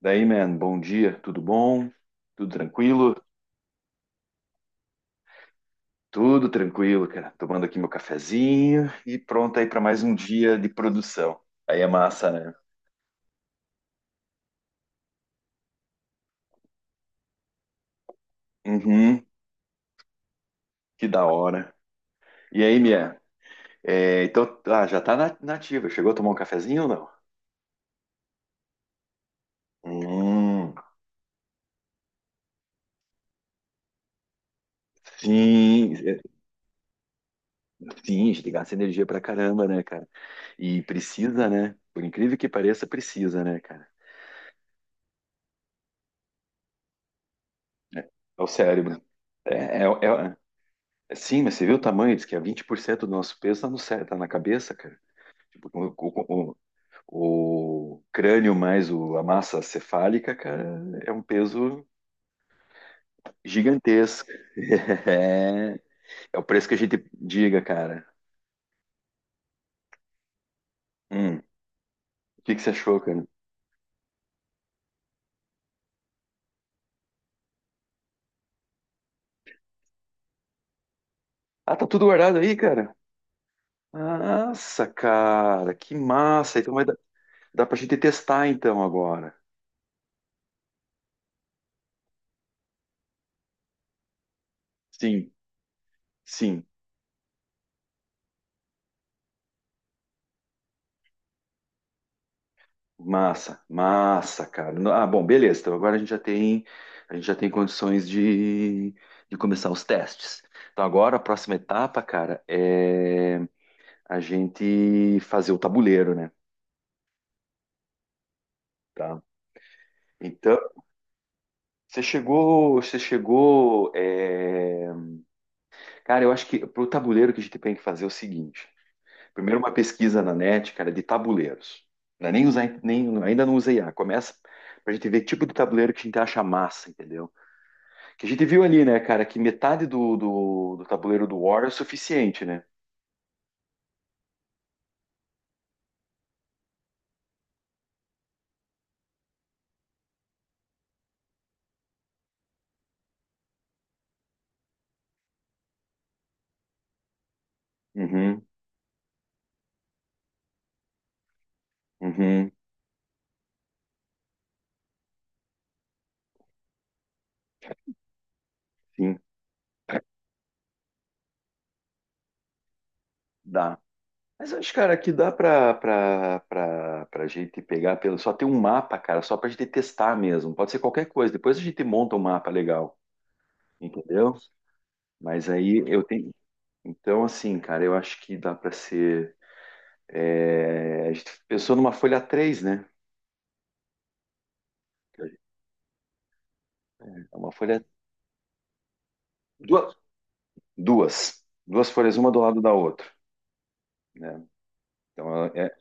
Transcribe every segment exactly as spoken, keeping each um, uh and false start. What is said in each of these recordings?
Daí, man, bom dia, tudo bom? Tudo tranquilo? Tudo tranquilo, cara. Tomando aqui meu cafezinho e pronto aí para mais um dia de produção. Aí é massa, né? Uhum, que da hora. E aí, Mia? É, então, ah, já tá na, na ativa. Chegou a tomar um cafezinho ou não? Hum, sim, é, sim, a gente gasta energia pra caramba, né, cara? E precisa, né? Por incrível que pareça, precisa, né, cara? É, é o cérebro. É, é, é, sim, mas você viu o tamanho? Diz que é vinte por cento do nosso peso tá, no, cé- tá na cabeça, cara. Tipo, o, o- o- o crânio mais o- a massa cefálica, cara, é um peso gigantesco. É, é o preço que a gente diga, cara. Hum, o que que você achou, cara? Ah, tá tudo guardado aí, cara? Nossa, cara, que massa. Então vai dar, dá pra gente testar então agora. Sim, sim. Massa, massa, cara. No- Ah, bom, beleza. Então agora a gente já tem, a gente já tem condições de, de começar os testes. Então agora a próxima etapa, cara, é a gente fazer o tabuleiro, né? Tá? Então, você chegou, você chegou, é, cara, eu acho que pro tabuleiro que a gente tem que fazer é o seguinte. Primeiro uma pesquisa na net, cara, de tabuleiros. Não é nem usar, nem, ainda não usei I a. Começa pra gente ver que tipo de tabuleiro que a gente acha massa, entendeu? Que a gente viu ali, né, cara, que metade do, do, do tabuleiro do War é o suficiente, né? Uhum, uhum, sim, dá. Mas eu acho, cara, que dá pra, pra, pra, pra gente pegar pelo. Só ter um mapa, cara, só pra gente testar mesmo. Pode ser qualquer coisa. Depois a gente monta um mapa legal, entendeu? Mas aí eu tenho. Então, assim, cara, eu acho que dá pra ser. É, a gente pensou numa folha três, né? É uma folha. Duas. Duas, duas folhas, uma do lado da outra, né? Então, é,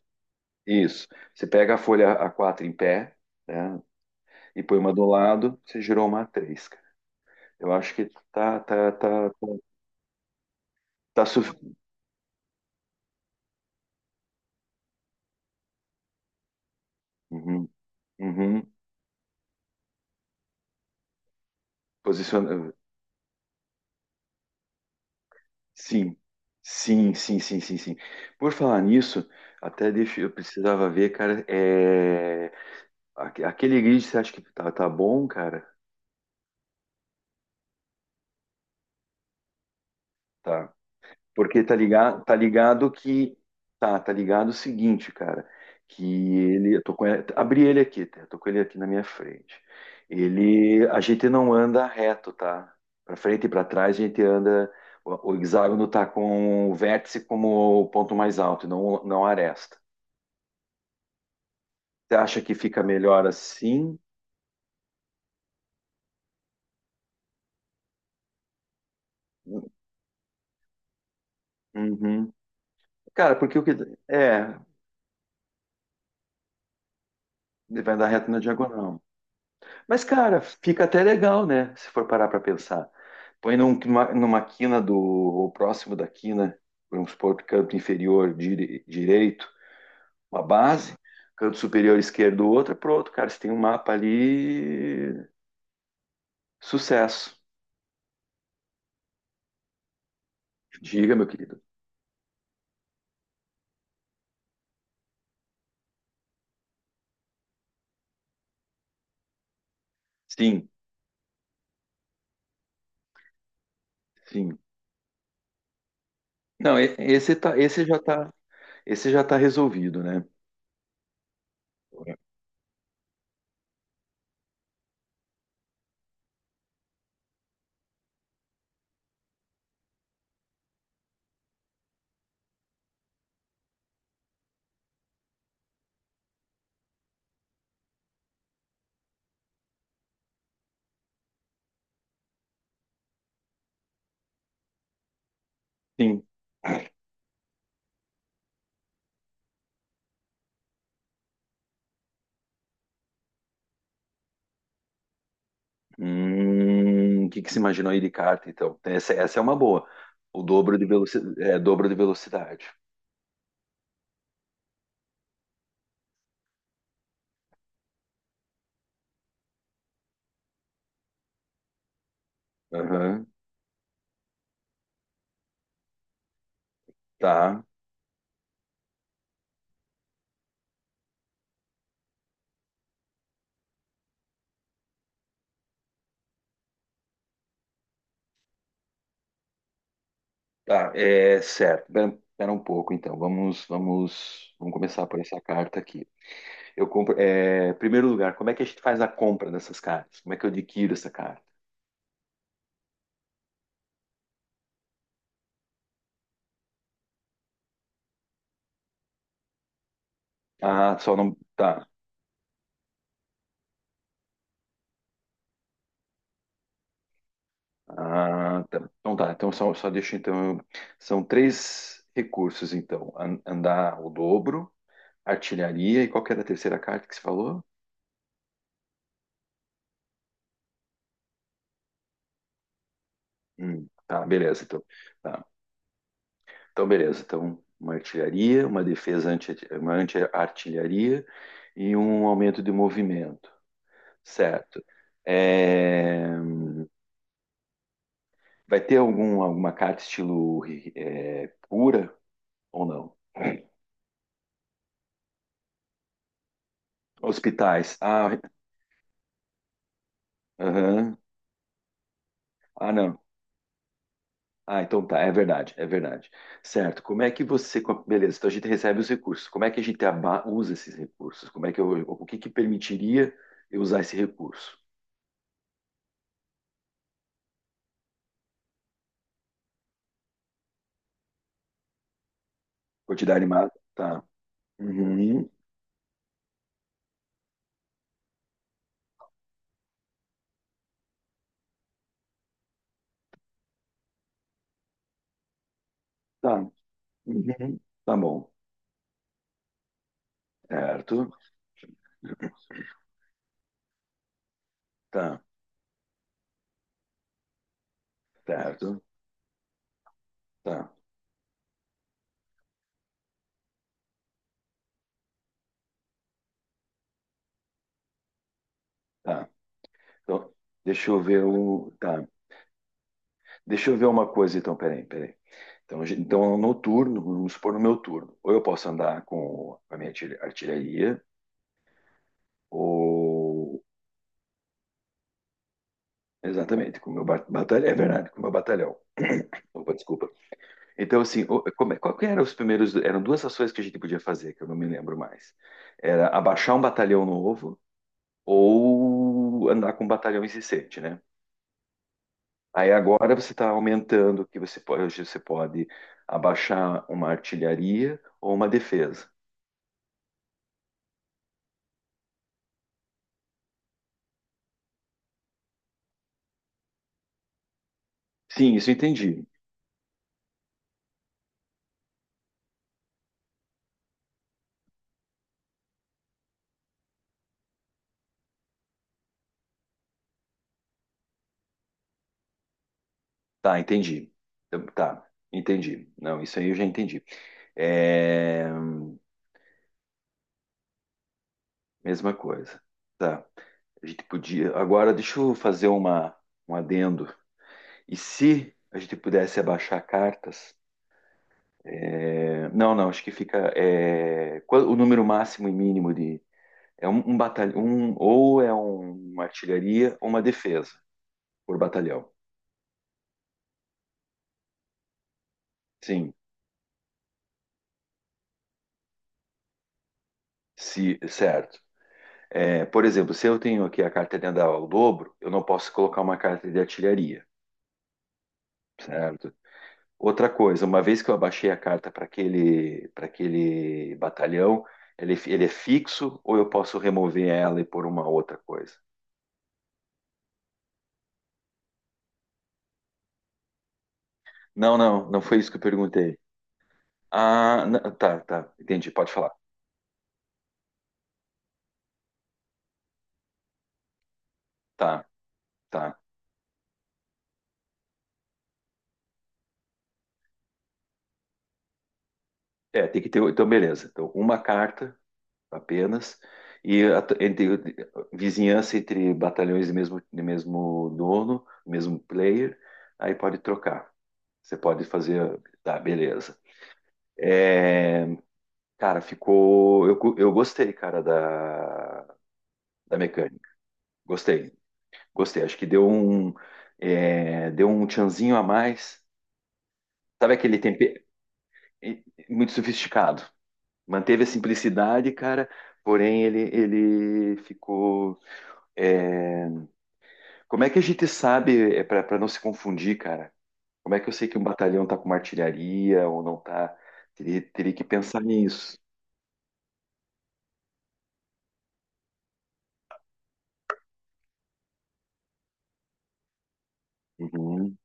isso. Você pega a folha a quatro em pé, né, e põe uma do lado, você girou uma a três, cara. Eu acho que tá, tá, tá, tá, tá sufi- uhum, uhum. Posiciona... Sim, sim, sim, sim, sim, sim. Por falar nisso, até deixa... Eu precisava ver, cara, é... aque- aquele grid você acha que tá, tá bom, cara? Tá. Porque tá ligado, tá ligado que. Tá, tá ligado o seguinte, cara. Que ele. Eu tô com ele, abri ele aqui, tá? Eu tô com ele aqui na minha frente. Ele. A gente não anda reto, tá? Pra frente e pra trás a gente anda. O, o hexágono tá com o vértice como o ponto mais alto, e não, não a aresta. Você acha que fica melhor assim? Uhum. Cara, porque o que. É, ele vai andar reto na diagonal. Mas, cara, fica até legal, né? Se for parar para pensar. Põe num- numa, numa quina do, ou próximo da quina, vamos supor, canto inferior dire- direito, uma base, canto superior esquerdo, outra, pronto, cara, você tem um mapa ali, sucesso. Diga, meu querido. Sim, sim. Não, e- esse tá, esse já tá, esse já tá resolvido, né? Sim. Hum, o que que se imaginou aí de carta, então? Essa, essa é uma boa. O dobro de velocidade, é, dobro de velocidade. Aham, tá, tá, é certo. Espera espera um pouco, então. Vamos, vamos, vamos começar por essa carta aqui. Eu compro, é, primeiro lugar, como é que a gente faz a compra dessas cartas? Como é que eu adquiro essa carta? Ah, só não, tá. Ah, tá. Então tá. Então só, só deixa então. São três recursos então: An- andar o dobro, artilharia e qual que era a terceira carta que você falou? Hum, tá, beleza. Então, tá. Então, beleza. Então, uma artilharia, uma defesa anti, uma anti-artilharia e um aumento de movimento. Certo. É, vai ter algum, alguma carta estilo é, cura ou não? Hospitais. Ah, aham. Ah, não. Ah, então tá, é verdade, é verdade. Certo, como é que você. co- Beleza, então a gente recebe os recursos. Como é que a gente aba- usa esses recursos? Como é que eu, o que que permitiria eu usar esse recurso? Quantidade máxima? Tá. Uhum, tá. Uhum. Tá bom. Certo. Tá, certo. Tá, tá. Então, deixa eu ver o. Tá. Deixa eu ver uma coisa, então, peraí, peraí. Então, a gente- então, no turno, vamos supor no meu turno, ou eu posso andar com a minha artil- artilharia, ou. Exatamente, com o meu ba- batalhão. É verdade, com o meu batalhão. Opa, desculpa. Então, assim, o- como, é- qual que eram os primeiros. Eram duas ações que a gente podia fazer, que eu não me lembro mais. Era abaixar um batalhão novo ou andar com um batalhão incessante, né? Aí agora você está aumentando que você pode, hoje você pode abaixar uma artilharia ou uma defesa. Sim, isso eu entendi. Tá, entendi. Então, tá, entendi. Não, isso aí eu já entendi. É... Mesma coisa. Tá. A gente podia. Agora deixa eu fazer uma, um adendo. E se a gente pudesse abaixar cartas? É, não, não, acho que fica. É, qual- o número máximo e mínimo de, é um, um batalhão, um, ou é um- uma artilharia ou uma defesa por batalhão. Sim, se, certo. É, por exemplo, se eu tenho aqui a carta de andar ao dobro, eu não posso colocar uma carta de artilharia, certo? Outra coisa, uma vez que eu abaixei a carta para aquele, para aquele batalhão, ele, ele é fixo ou eu posso remover ela e pôr uma outra coisa? Não, não, não foi isso que eu perguntei. Ah, na- tá, tá, entendi, pode falar. Tá, tá. É, tem que ter. Então, beleza. Então, uma carta apenas. E a- entre, vizinhança entre batalhões do mesmo, do mesmo dono, mesmo player, aí pode trocar. Você pode fazer, tá, beleza. É, cara, ficou. Eu, cu- eu gostei, cara, da, da mecânica. Gostei, gostei. Acho que deu um, é, deu um tchanzinho a mais. Sabe aquele tempero muito sofisticado? Manteve a simplicidade, cara, porém ele, ele ficou. É, como é que a gente sabe, é, para não se confundir, cara? Como é que eu sei que um batalhão tá com uma artilharia ou não tá? Teria, teria que pensar nisso. Uhum,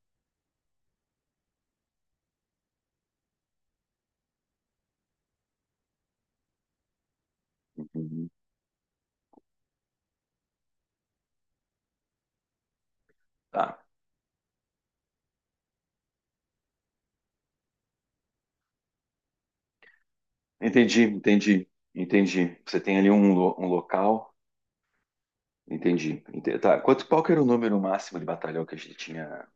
uhum. Tá. Entendi, entendi, entendi. Você tem ali um, lo- um local. Entendi. Ente- Tá. Quanto, qual que era o número máximo de batalhão que a gente tinha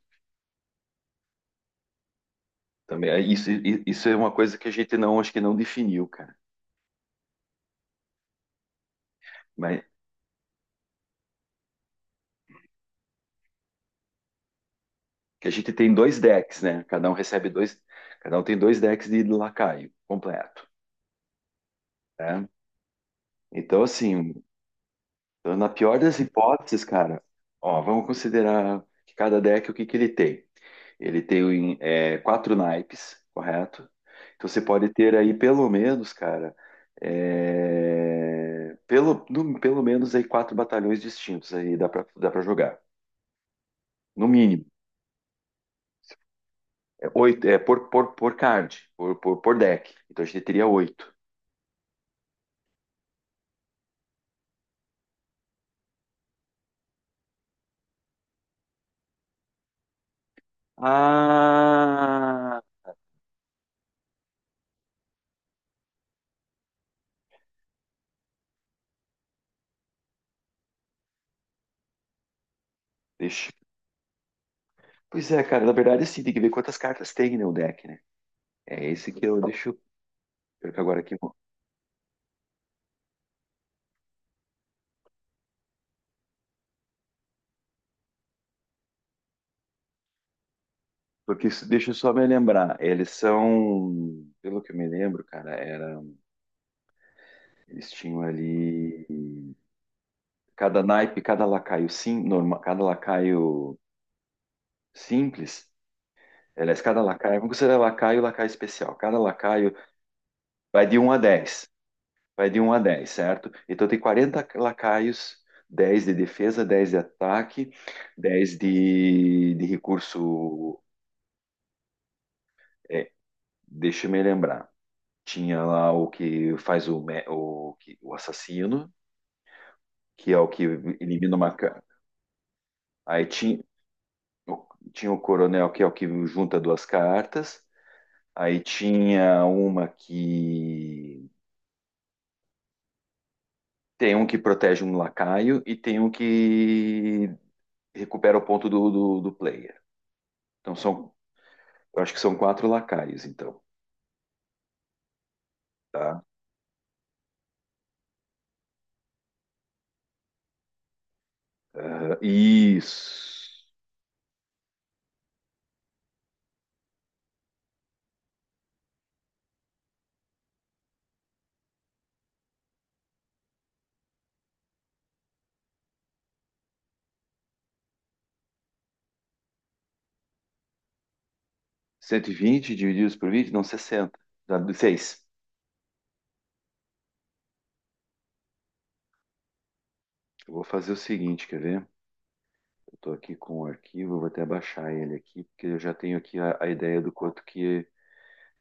também? É, isso, i- isso é uma coisa que a gente não, acho que não definiu, cara. Mas que a gente tem dois decks, né? Cada um recebe dois, cada um tem dois decks de lacaio completo, né? Então, assim, então, na pior das hipóteses, cara, ó, vamos considerar que cada deck o que que ele tem. Ele tem o em- é, quatro naipes, correto? Então você pode ter aí pelo menos, cara, é, pelo, no- pelo menos aí quatro batalhões distintos aí dá pra, dá pra jogar. No mínimo, é oito, é por, por, por card, por, por, por deck. Então a gente teria oito. Ah, deixa. Pois é, cara, na verdade assim, tem que ver quantas cartas tem, né, o deck, né? É esse que eu deixo. Pior que agora aqui, porque isso- deixa eu só me lembrar, eles são, pelo que eu me lembro, cara, era, eles tinham ali cada naipe, cada lacaio sim, normal, cada lacaio simples, aliás, cada lacaio, vamos considerar lacaio, lacaio especial. Cada lacaio vai de um a dez, vai de um a dez, certo? Então tem quarenta lacaios, dez de defesa, dez de ataque, dez de, de recurso, é, deixa eu me lembrar. Tinha lá o que faz o, me- o, que- o assassino, que é o que elimina uma. ca- Aí tinha, o- tinha o coronel, que é o que junta duas cartas. Aí tinha uma que. Tem um que protege um lacaio e tem um que recupera o ponto do, do, do player. Então são. Eu acho que são quatro lacaios, então. Tá? Aham, isso. Cento e vinte divididos por vinte não sessenta. Dá seis. Eu vou fazer o seguinte, quer ver? Eu estou aqui com o arquivo, eu vou até baixar ele aqui, porque eu já tenho aqui a, a ideia do quanto que,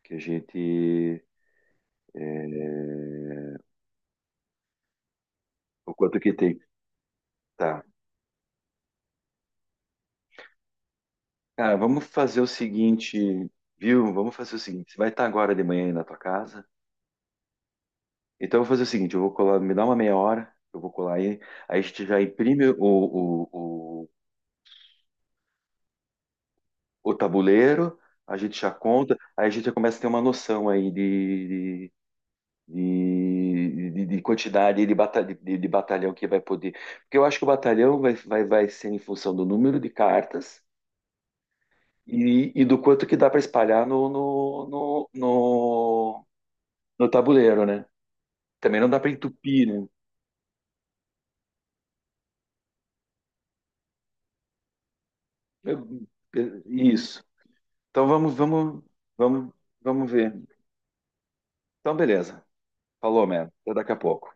que a gente. É, o quanto que tem. Tá. Cara, vamos fazer o seguinte, viu? Vamos fazer o seguinte. Você vai estar agora de manhã aí na tua casa. Então eu vou fazer o seguinte, eu vou colar, me dá uma meia hora, eu vou colar aí, aí a gente já imprime o, o, o, o tabuleiro, a gente já conta, aí a gente já começa a ter uma noção aí de, de, de- de quantidade de, bata- de- de batalhão que vai poder. Porque eu acho que o batalhão vai, vai, vai ser em função do número de cartas e, e do quanto que dá para espalhar no, no, no, no- no tabuleiro, né? Também não dá para entupir, né? Eu- eu- Isso. Então vamos, vamos, vamos, vamos ver. Então, beleza. Falou, man. Até daqui a pouco.